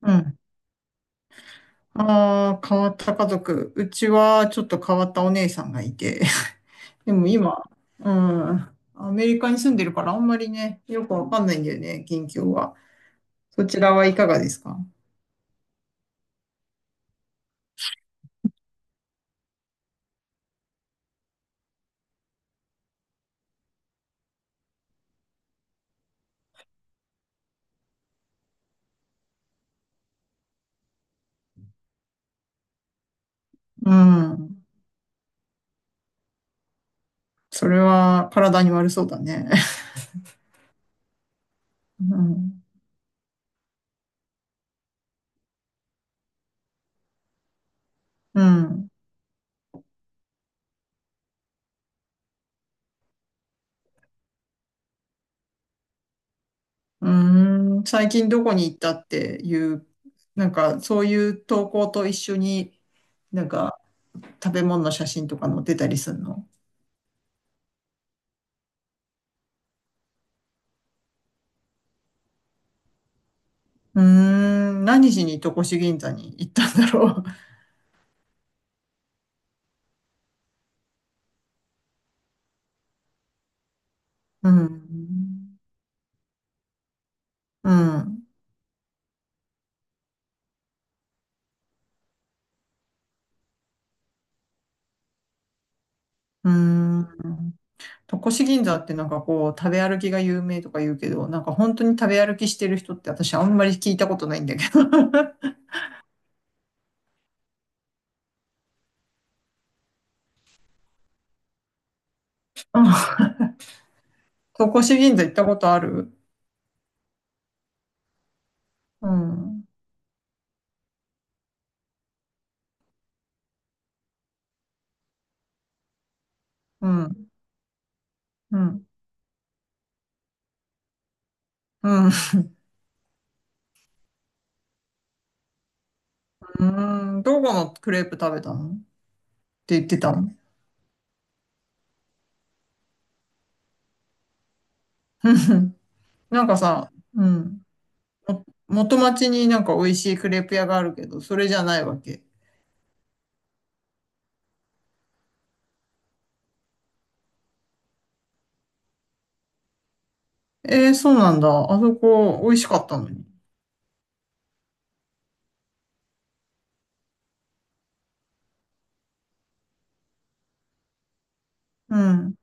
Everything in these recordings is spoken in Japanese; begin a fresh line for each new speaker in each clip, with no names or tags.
うん。ああ、変わった家族。うちはちょっと変わったお姉さんがいて。でも今、うん。アメリカに住んでるからあんまりね、よくわかんないんだよね、近況は。そちらはいかがですか？うん。それは体に悪そうだね。うん。うん。うーん。最近どこに行ったっていう、なんかそういう投稿と一緒に、なんか食べ物の写真とか載ってたりするの？何しに戸越銀座に行ったんだろう。うん。うん。うん。戸越銀座ってなんかこう、食べ歩きが有名とか言うけど、なんか本当に食べ歩きしてる人って私あんまり聞いたことないんだけど。うん。戸越銀座行ったことある？うん。うん。うん。うん。うん。どこのクレープ食べたのって言ってたの。うん。 なんかさ、うん。も元町になんか美味しいクレープ屋があるけど、それじゃないわけ。えー、そうなんだ。あそこ、美味しかったのに。うん。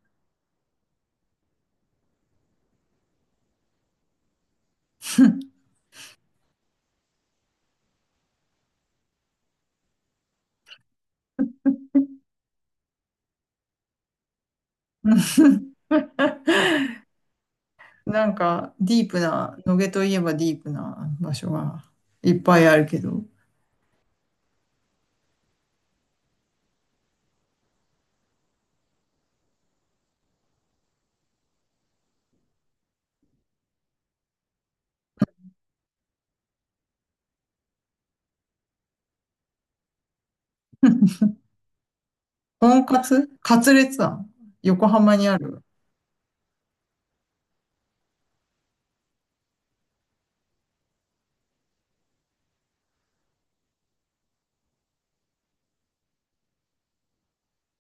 なんか、ディープな、野毛といえばディープな場所がいっぱいあるけど、とんかつカツレツ庵横浜にある？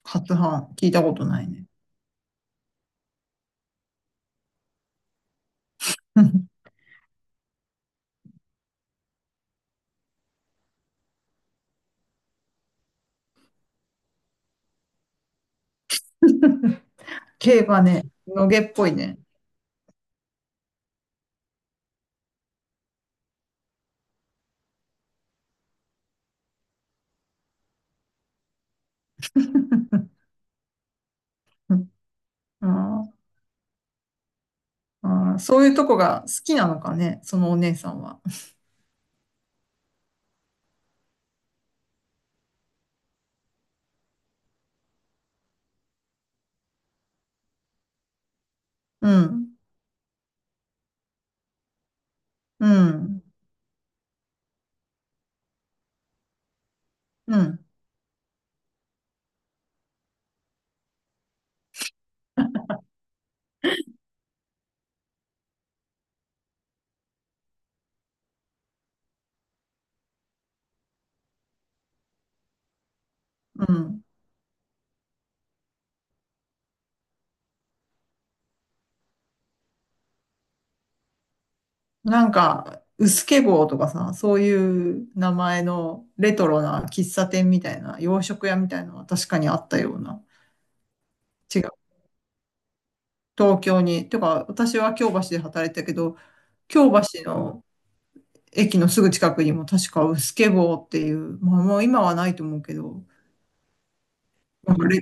カツ飯、聞いたことないね。競馬ね、野毛っぽいね。うん。あー、あー、そういうとこが好きなのかね、そのお姉さんは。うん、うん、うん、うん。なんか、うすけ坊とかさ、そういう名前のレトロな喫茶店みたいな、洋食屋みたいなのは確かにあったような。違う。東京に。てか、私は京橋で働いてたけど、京橋の駅のすぐ近くにも確かうすけ坊っていう、まあもう今はないと思うけど、なんかレ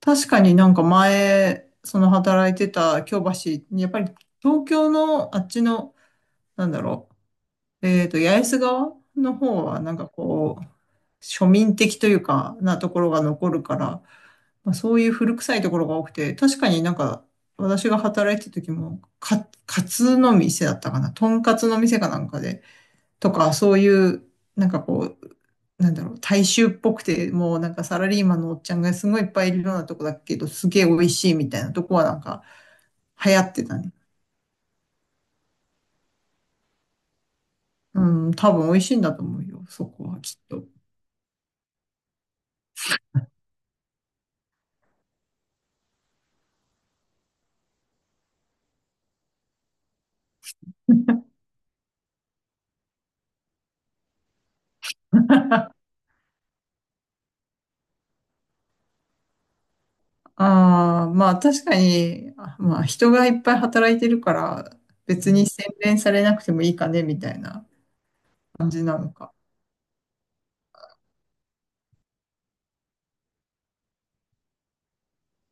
確かになんか前、その働いてた京橋、やっぱり東京のあっちの、なんだろう、八重洲側の方は、なんかこう、庶民的というか、なところが残るから、まあ、そういう古臭いところが多くて、確かになんか、私が働いてた時も、カツの店だったかな、とんかつの店かなんかで、とか、そういう、なんかこう、なんだろう、大衆っぽくて、もうなんかサラリーマンのおっちゃんがすごいいっぱいいるようなとこだけど、すげえ美味しいみたいなとこはなんか流行ってたね。うん、多分美味しいんだと思うよ、そこはきっと。ああ、まあ確かに、あまあ人がいっぱい働いてるから、別に洗練されなくてもいいかね、みたいな感じなのか。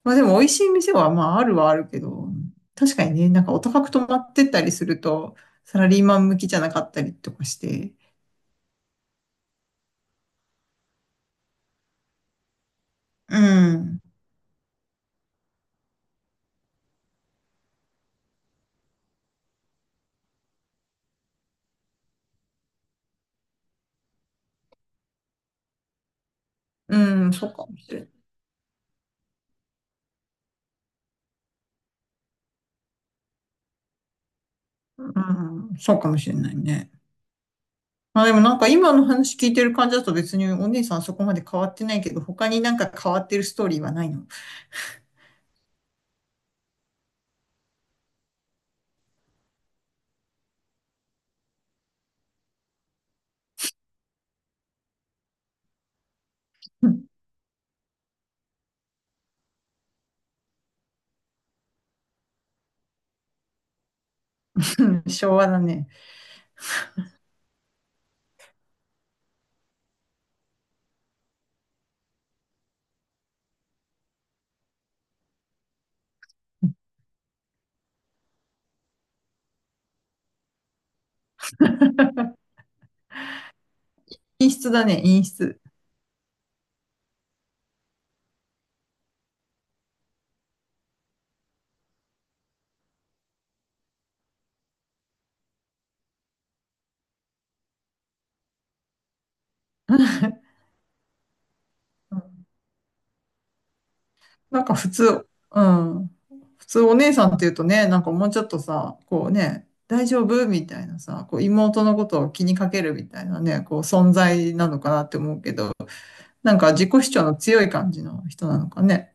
まあでも美味しい店はまああるはあるけど、確かにね、なんかお高く泊まってったりすると、サラリーマン向きじゃなかったりとかして。うん。うん、そうかもしれない。うん、そうかもしれないね。まあでもなんか今の話聞いてる感じだと別にお姉さんそこまで変わってないけど、他になんか変わってるストーリーはないの？うん、昭和だね。陰湿だね、陰湿。うん、なんか普通、うん。普通お姉さんっていうとね、なんかもうちょっとさ、こうね、大丈夫みたいなさ、こう妹のことを気にかけるみたいなね、こう存在なのかなって思うけど、なんか自己主張の強い感じの人なのかね。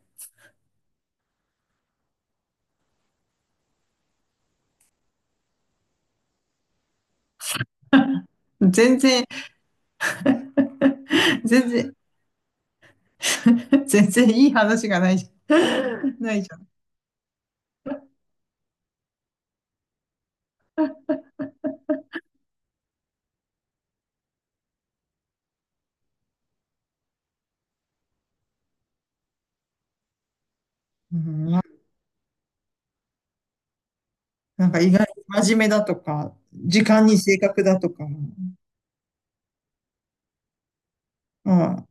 全然、全然、全然いい話がないじゃん。ないじゃん。うん、なんか意外に真面目だとか、時間に正確だとか、うん。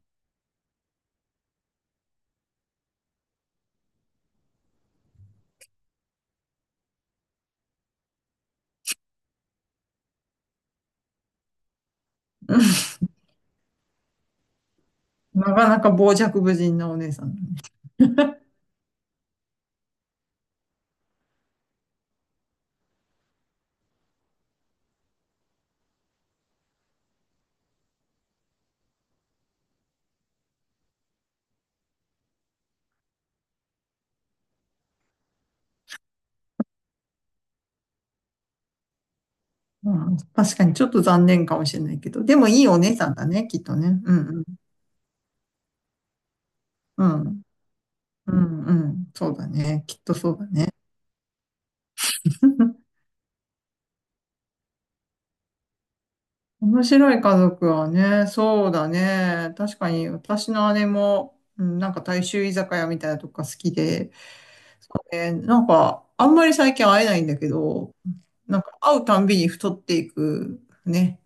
なかなか傍若無人なお姉さん。うん、確かにちょっと残念かもしれないけど、でもいいお姉さんだね、きっとね。うん、うん。うん。うん、うん。そうだね。きっとそうだね。面白い家族はね、そうだね。確かに私の姉も、うん、なんか大衆居酒屋みたいなとこが好きで、なんかあんまり最近会えないんだけど、なんか会うたんびに太っていくね。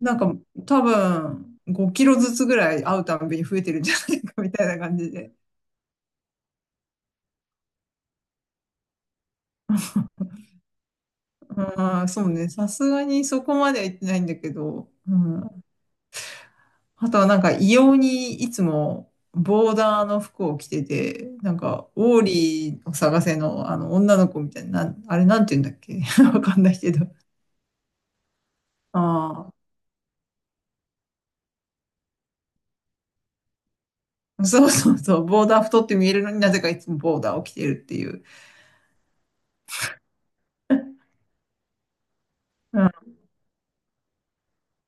なんか多分5キロずつぐらい会うたんびに増えてるんじゃないかみたいな感じで。ああ、そうね。さすがにそこまでは行ってないんだけど、うん。あとはなんか異様にいつもボーダーの服を着てて、なんかオーリーを探せのあの女の子みたいな、あれなんて言うんだっけ？ わかんないけど。ああ、そうそうそう。ボーダー太って見えるのになぜかいつもボーダーを着てるっていう。う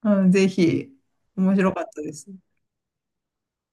ん、うん、ぜひ、面白かったです。